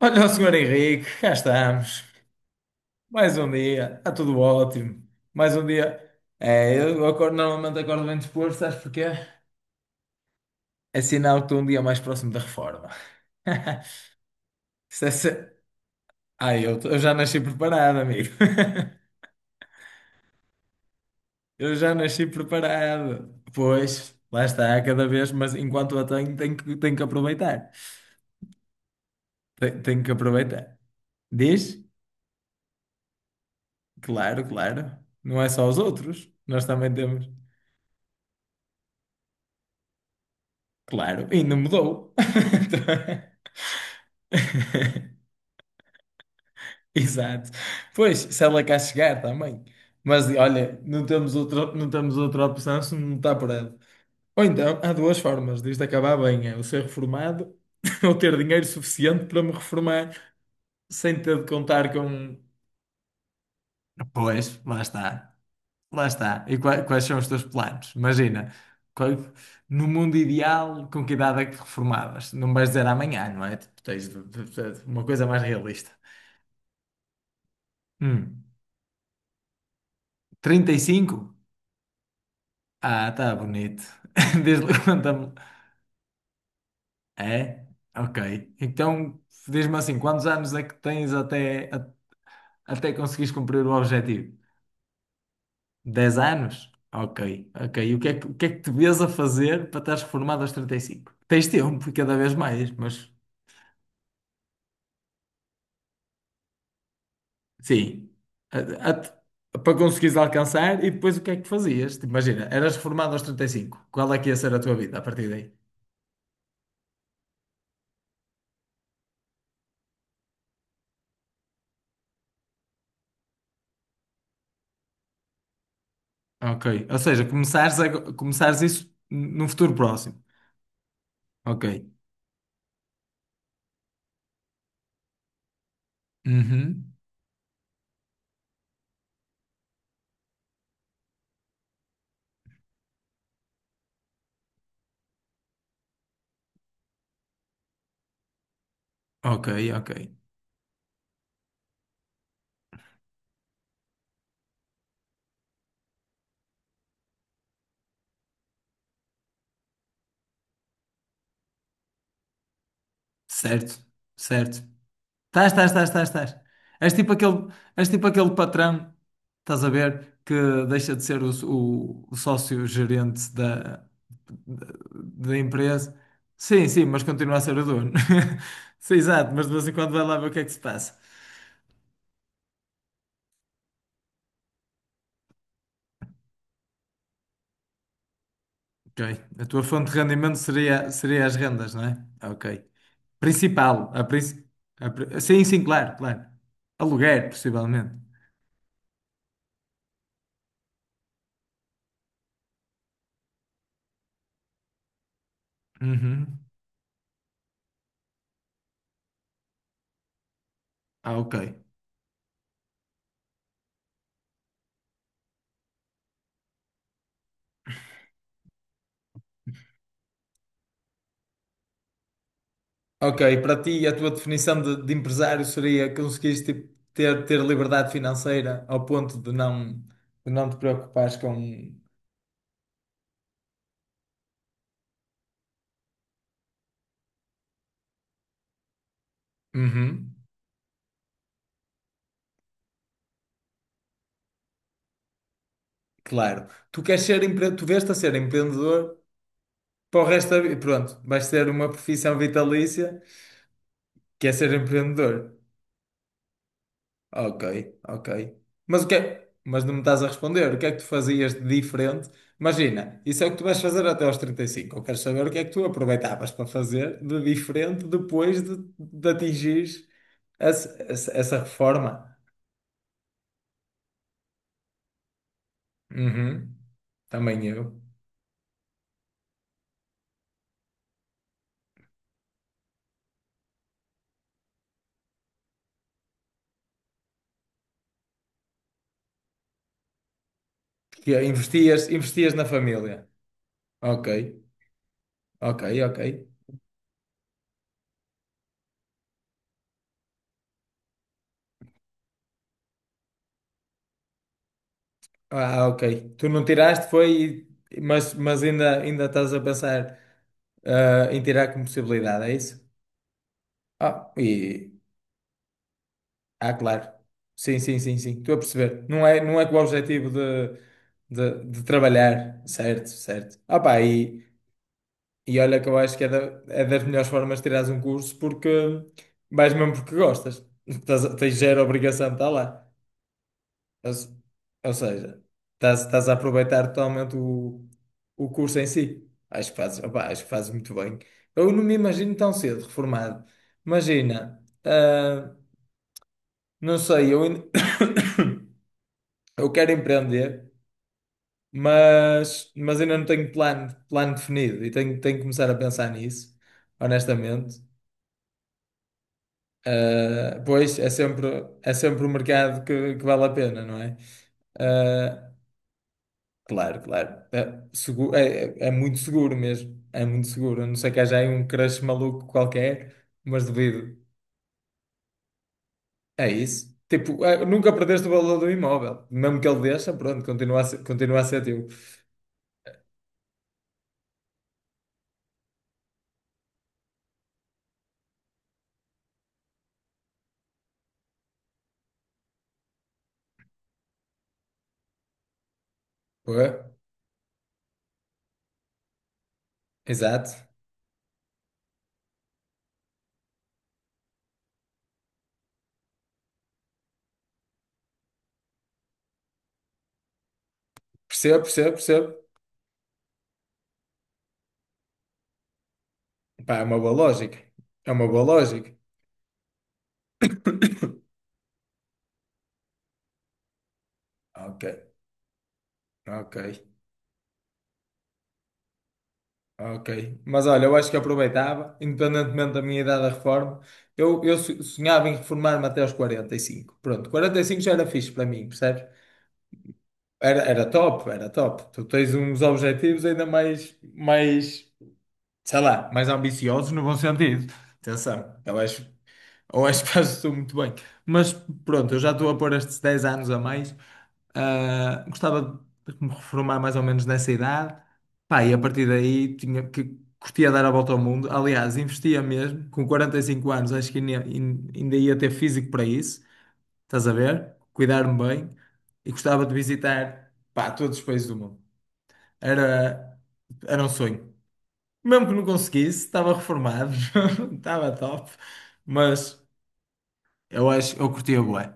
Olha o senhor Henrique, cá estamos. Mais um dia, está tudo ótimo. Mais um dia. É, eu acordo, normalmente acordo bem disposto, sabes porquê? É sinal que estou um dia mais próximo da reforma. Isso é se- Ai, eu já nasci preparado, amigo. Eu já nasci preparado. Pois, lá está, cada vez, mas enquanto a tenho, tenho que aproveitar. Tenho que aproveitar. Diz? Claro, claro. Não é só os outros, nós também temos. Claro, e não mudou. Exato. Pois, se ela cá chegar também. Mas olha, não temos outra opção se não está por ela. Ou então, há duas formas disto acabar bem: é eu ser reformado ou ter dinheiro suficiente para me reformar sem ter de contar com. Pois, lá está. Lá está. E quais são os teus planos? Imagina, qual- no mundo ideal, com que idade é que te reformavas? Não vais dizer amanhã, não é? Tipo, tens de- uma coisa mais realista. Hum, 35? Ah, tá bonito. Diz-me, conta-me. É? Ok. Então, diz-me assim, quantos anos é que tens até, a- até conseguires cumprir o objetivo? 10 anos? Ok, ok. E o que é que te vês a fazer para estares reformado aos 35? Tens tempo, e cada vez mais, mas sim. A- a- Para conseguires alcançar e depois o que é que fazias? Tipo, imagina, eras reformado aos 35. Qual é que ia ser a tua vida a partir daí? Ok. Ou seja, começares isso num futuro próximo. Ok. Uhum. Ok, ok. Certo, certo. Estás, estás, estás, estás, estás. És tipo aquele, és tipo aquele patrão, estás a ver, que deixa de ser o sócio-gerente da, da empresa. Sim, sim, mas continua a ser o dono. Sim, exato, mas de vez em quando vai lá ver o que é que se passa. Ok. A tua fonte de rendimento seria, seria as rendas, não é? Ok. Principal. A princi a pri- sim, sim, claro, claro. Aluguer, possivelmente. Uhum. Ah, ok. Ok, para ti, a tua de empresário seria conseguires tipo, ter liberdade financeira ao ponto de não te preocupares com. Uhum, claro. Tu queres ser empre... tu vês-te a ser empreendedor para o resto da vida. Pronto, vais ter uma profissão vitalícia que é ser empreendedor. Ok, ok. Mas o que é? Mas não me estás a responder. O que é que tu fazias de diferente? Imagina, isso é o que tu vais fazer até aos 35. Eu quero saber o que é que tu aproveitavas para fazer de diferente de atingires essa reforma. Uhum. Também eu. Que é, investias na família. Ok, ok, ok. Ah, ok. Tu não tiraste, foi, mas ainda, ainda estás a pensar, ah, em tirar como possibilidade, é isso? Ah, e... ah, claro. Sim, sim, sim, sim. Estou a perceber. Não é com o objetivo de, de trabalhar. Certo, certo. Ah, pá, e olha que eu acho que é, é das melhores formas de tirares um curso porque vais mesmo porque gostas. Tens zero obrigação de estar lá. Ou, ou seja, estás a aproveitar totalmente o curso em si. Acho que fazes, opá, acho que fazes muito bem. Eu não me imagino tão cedo reformado. Imagina. Não sei, eu quero empreender, mas ainda não tenho plano definido e tenho que começar a pensar nisso, honestamente. Ah, pois é sempre, é sempre o mercado que vale a pena, não é? Ah, claro, claro. É muito seguro mesmo. É muito seguro. A não ser que haja aí um crush maluco qualquer, mas duvido. É isso. Nunca perdeste o valor do imóvel. Mesmo que ele deixa, pronto, continua a ser teu. Pô. Exato. Percebo, percebo, percebo. Pá, é uma boa lógica. É uma boa lógica. Ok, ok, ok. Mas olha, eu acho que aproveitava, independentemente da minha idade da reforma, sonhava em reformar-me até aos 45. Pronto, 45 já era fixe para mim, percebes? Era top, era top. Tu tens uns objetivos ainda sei lá, mais ambiciosos no bom sentido. Atenção, eu acho. Ou acho que fazes tudo muito bem. Mas pronto, eu já estou a pôr estes 10 anos a mais. Ah, gostava de me reformar mais ou menos nessa idade. Pá, e a partir daí tinha que curtia dar a volta ao mundo. Aliás, investia mesmo. Com 45 anos, acho que ainda ia ter físico para isso. Estás a ver? Cuidar-me bem. E gostava de visitar, pá, todos os países do mundo. Era, era um sonho. Mesmo que não conseguisse, estava reformado, estava top. Mas eu acho, eu curtia bué.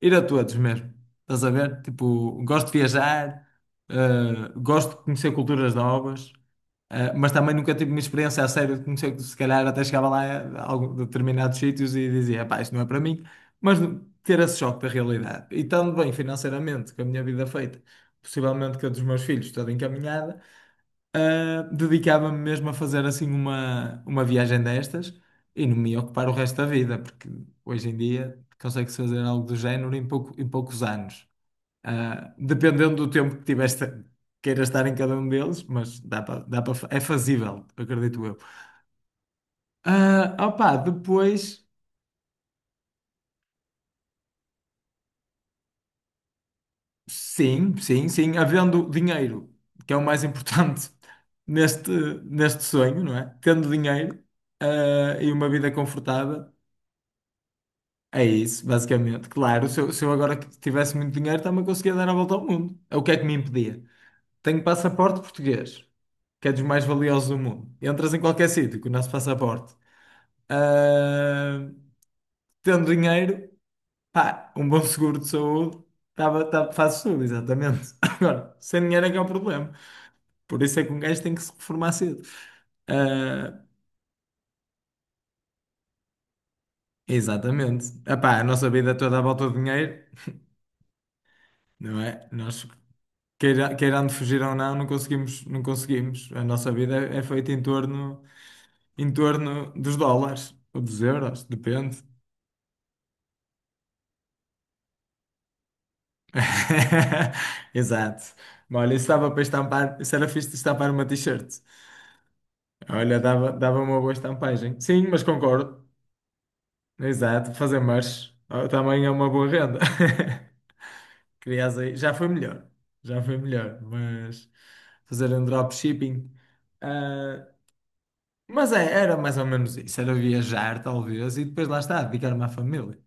Ir a todos mesmo. Estás a ver? Tipo, gosto de viajar, eh, gosto de conhecer culturas novas, mas também nunca tive uma experiência a sério de conhecer, se calhar até chegava lá a algum, determinados sítios e dizia, pá, isto não é para mim, mas ter esse choque da realidade. E estando bem financeiramente, com a minha vida feita, possivelmente com a dos meus filhos toda encaminhada. Dedicava-me mesmo a fazer assim uma viagem destas e não me ia ocupar o resto da vida, porque hoje em dia consegue-se fazer algo do género em pouco, em poucos anos. Dependendo do tempo que tiveste, queiras estar em cada um deles, mas dá para, é fazível, acredito eu. Depois, sim, sim, sim, havendo dinheiro, que é o mais importante neste, neste sonho, não é? Tendo dinheiro, e uma vida confortável. É isso, basicamente. Claro, se eu agora tivesse muito dinheiro, também conseguia dar a volta ao mundo. É o que é que me impedia? Tenho passaporte português, que é dos mais valiosos do mundo. Entras em qualquer sítio com o nosso passaporte. Ah, tendo dinheiro, pá, um bom seguro de saúde, tava, fazes tudo, exatamente. Agora, sem dinheiro é que é o problema. Por isso é que um gajo tem que se reformar cedo. Ah, exatamente. Epá, a nossa vida é toda à volta do dinheiro, não é? Nós queirando fugir ou não, não conseguimos, não conseguimos. A nossa vida é, é feita em torno dos dólares ou dos euros, depende. Exato. Mas olha, isso estava para estampar, isso era fixe de estampar uma t-shirt. Olha, dava uma boa estampagem. Sim, mas concordo. Exato, fazer merch ah, também é uma boa renda. Crias aí, já foi melhor, mas fazer um dropshipping. ah, Mas é, era mais ou menos isso, era viajar talvez e depois lá está, dedicar-me à família.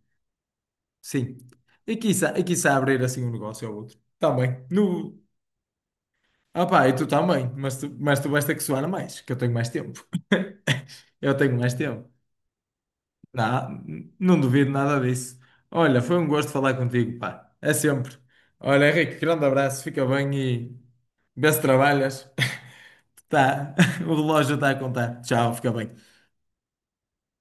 Sim. E quiçá abrir assim um negócio ou outro. Também. No... Ah pá, e tu também, mas tu vais ter que suar mais, que eu tenho mais tempo. Eu tenho mais tempo. Não, não duvido nada disso. Olha, foi um gosto falar contigo, pá. É sempre. Olha, Henrique, grande abraço, fica bem e vê se trabalhas. Tá, o relógio está a contar. Tchau, fica bem.